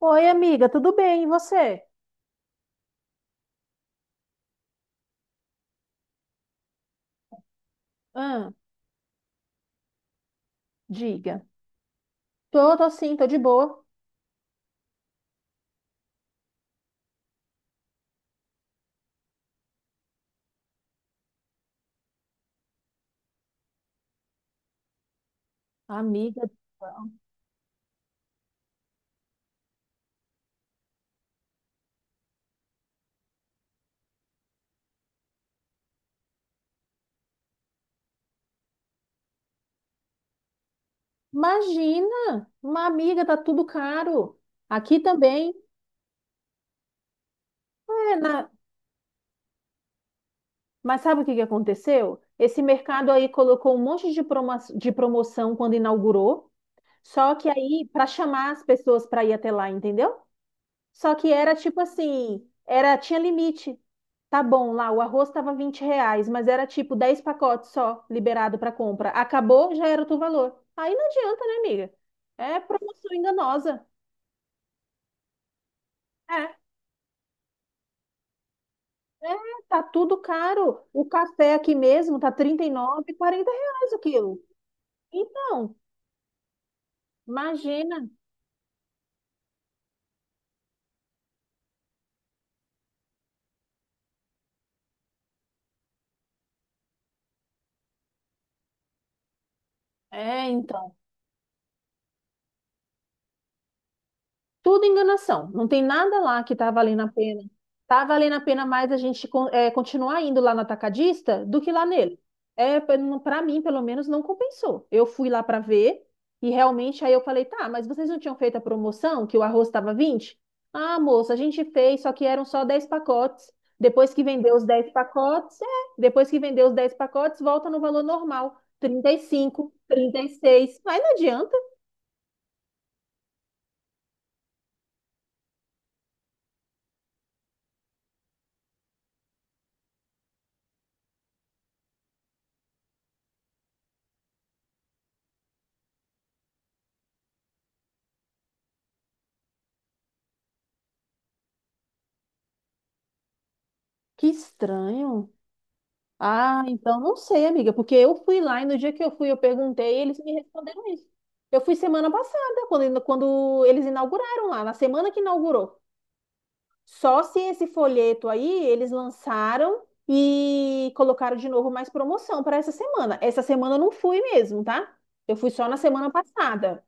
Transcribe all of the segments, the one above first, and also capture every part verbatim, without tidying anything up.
Oi, amiga, tudo bem? E você? Ah, diga. Tô, tô sim, tô de boa. Amiga, do céu. Imagina! Uma amiga, tá tudo caro. Aqui também. É, na- Mas sabe o que que aconteceu? Esse mercado aí colocou um monte de, promo- de promoção quando inaugurou, só que aí, para chamar as pessoas para ir até lá, entendeu? Só que era tipo assim, era tinha limite. Tá bom, lá o arroz estava vinte reais, mas era tipo dez pacotes só liberado para compra. Acabou, já era o teu valor. Aí não adianta, né, amiga? É promoção enganosa. É, é, tá tudo caro. O café aqui mesmo tá trinta e nove quarenta reais o quilo. Então, imagina. É, tudo enganação. Não tem nada lá que tá valendo a pena. Tá valendo a pena mais a gente con- é, continuar indo lá no atacadista do que lá nele. É, para mim, pelo menos, não compensou. Eu fui lá para ver e realmente aí eu falei, tá, mas vocês não tinham feito a promoção que o arroz estava vinte. Ah, moça, a gente fez, só que eram só dez pacotes. Depois que vendeu os dez pacotes, é, depois que vendeu os dez pacotes, volta no valor normal, trinta trinta e cinco trinta e seis. Mas não adianta. Que estranho. Ah, então não sei, amiga, porque eu fui lá e no dia que eu fui eu perguntei e eles me responderam isso. Eu fui semana passada, quando, quando eles inauguraram lá, na semana que inaugurou. Só se esse folheto aí eles lançaram e colocaram de novo mais promoção para essa semana. Essa semana eu não fui mesmo, tá? Eu fui só na semana passada.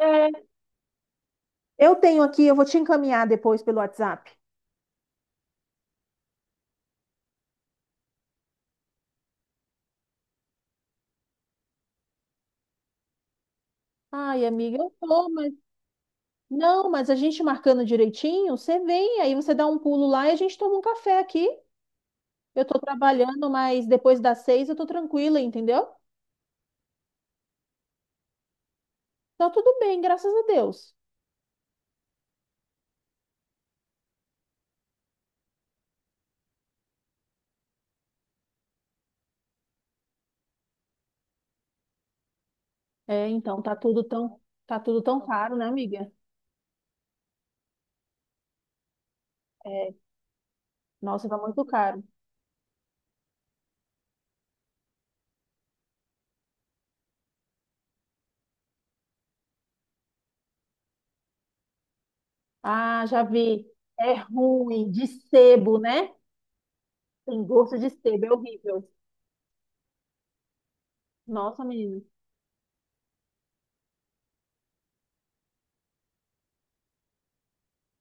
É. Eu tenho aqui, eu vou te encaminhar depois pelo WhatsApp. Ai, amiga, eu tô, mas. Não, mas a gente marcando direitinho, você vem, aí você dá um pulo lá e a gente toma um café aqui. Eu tô trabalhando, mas depois das seis eu tô tranquila, entendeu? Tá tudo bem, graças a Deus. É, então, tá tudo tão, tá tudo tão caro, né, amiga? É, nossa, tá muito caro. Ah, já vi. É ruim, de sebo, né? Tem gosto de sebo, é horrível. Nossa, menina.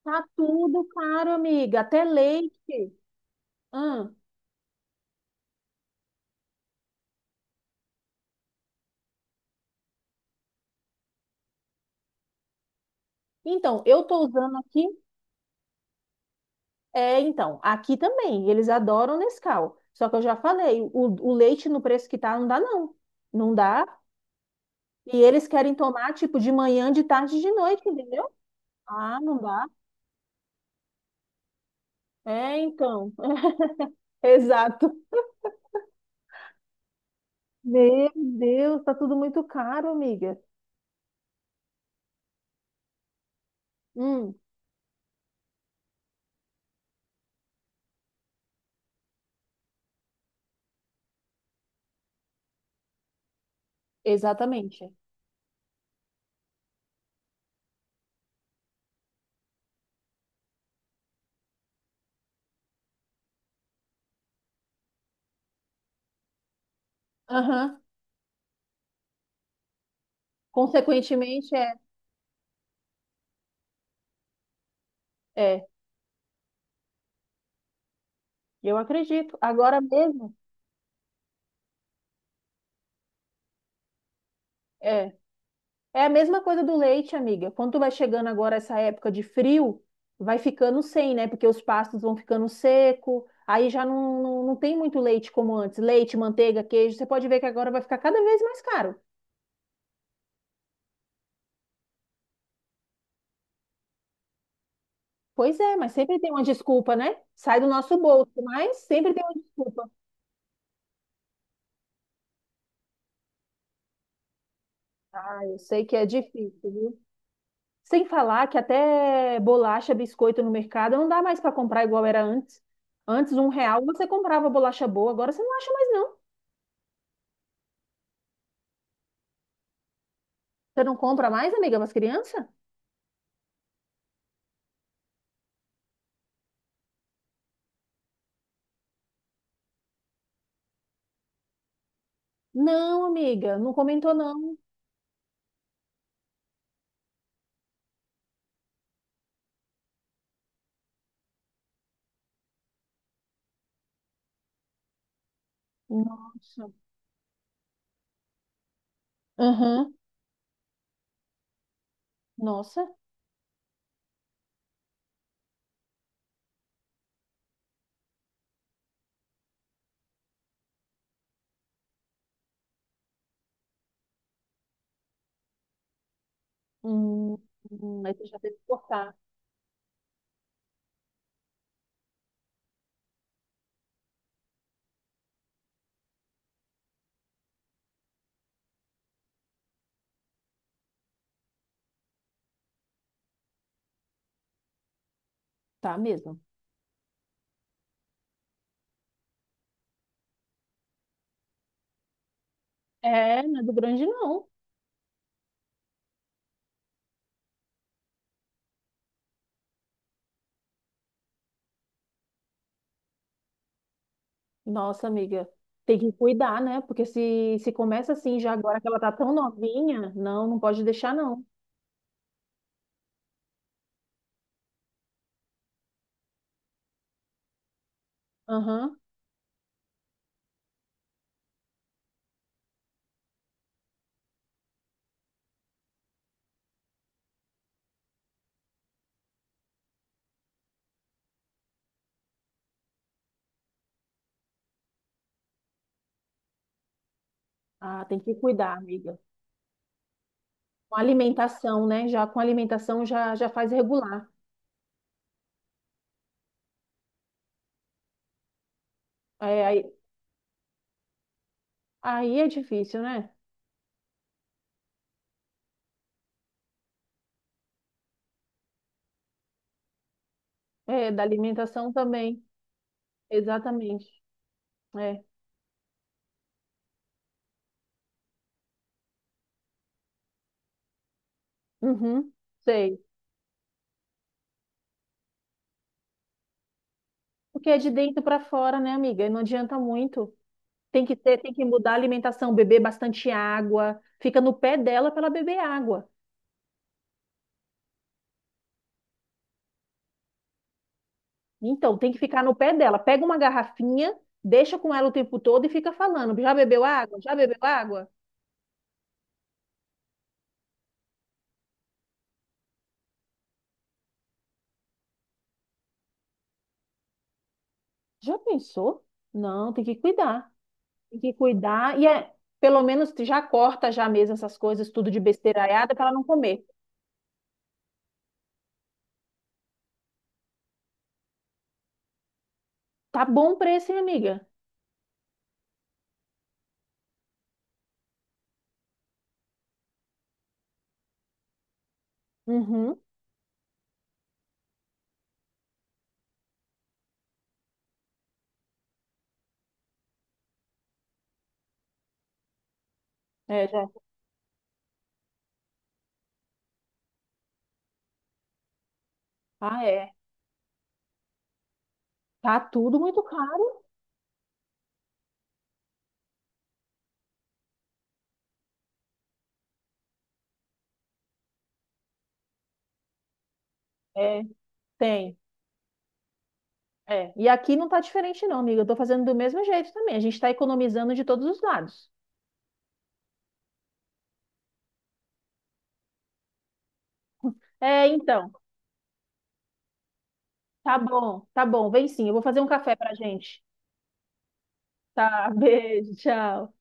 Tá tudo caro, amiga. Até leite. Hum. Então, eu tô usando aqui. É, então, aqui também, eles adoram Nescau. Só que eu já falei, o, o leite no preço que tá, não dá, não. Não dá. E eles querem tomar, tipo, de manhã, de tarde, e de noite, entendeu? Ah, não dá. É, então. Exato. Meu Deus, tá tudo muito caro, amiga. Hum, exatamente. Aham. Consequentemente, é. É, eu acredito. Agora mesmo, é. É a mesma coisa do leite, amiga. Quando tu vai chegando agora essa época de frio, vai ficando sem, né? Porque os pastos vão ficando seco, aí já não, não, não tem muito leite como antes. Leite, manteiga, queijo. Você pode ver que agora vai ficar cada vez mais caro. Pois é, mas sempre tem uma desculpa, né? Sai do nosso bolso, mas sempre tem uma desculpa. Ah, eu sei que é difícil, viu? Sem falar que até bolacha, biscoito no mercado não dá mais para comprar igual era antes. Antes, um real você comprava bolacha boa, agora você não acha mais não. Você não compra mais, amiga, para as crianças? Não, amiga, não comentou não. Nossa. Aham. Nossa. Hum, hum, aí você já teve que cortar. Tá mesmo. É, não é do grande não. Nossa, amiga, tem que cuidar, né? Porque se, se começa assim já agora que ela tá tão novinha, não, não pode deixar não. Aham. Ah, tem que cuidar, amiga. Com alimentação, né? Já com alimentação já, já faz regular. É, aí, aí é difícil, né? É, da alimentação também. Exatamente. É. Uhum. Sei. Porque é de dentro para fora, né, amiga? E não adianta muito. Tem que ter, tem que mudar a alimentação, beber bastante água. Fica no pé dela para ela beber água. Então, tem que ficar no pé dela. Pega uma garrafinha, deixa com ela o tempo todo e fica falando. Já bebeu água? Já bebeu água? Já pensou? Não, tem que cuidar. Tem que cuidar. E é, pelo menos já corta já mesmo essas coisas, tudo de besteiraiada para ela não comer. Tá bom preço, hein, amiga? Uhum. É, já. Ah, é. Tá tudo muito caro. É, tem. É. E aqui não tá diferente, não, amiga. Eu tô fazendo do mesmo jeito também. A gente tá economizando de todos os lados. É, então. Tá bom, tá bom. Vem sim. Eu vou fazer um café pra gente. Tá, beijo, tchau.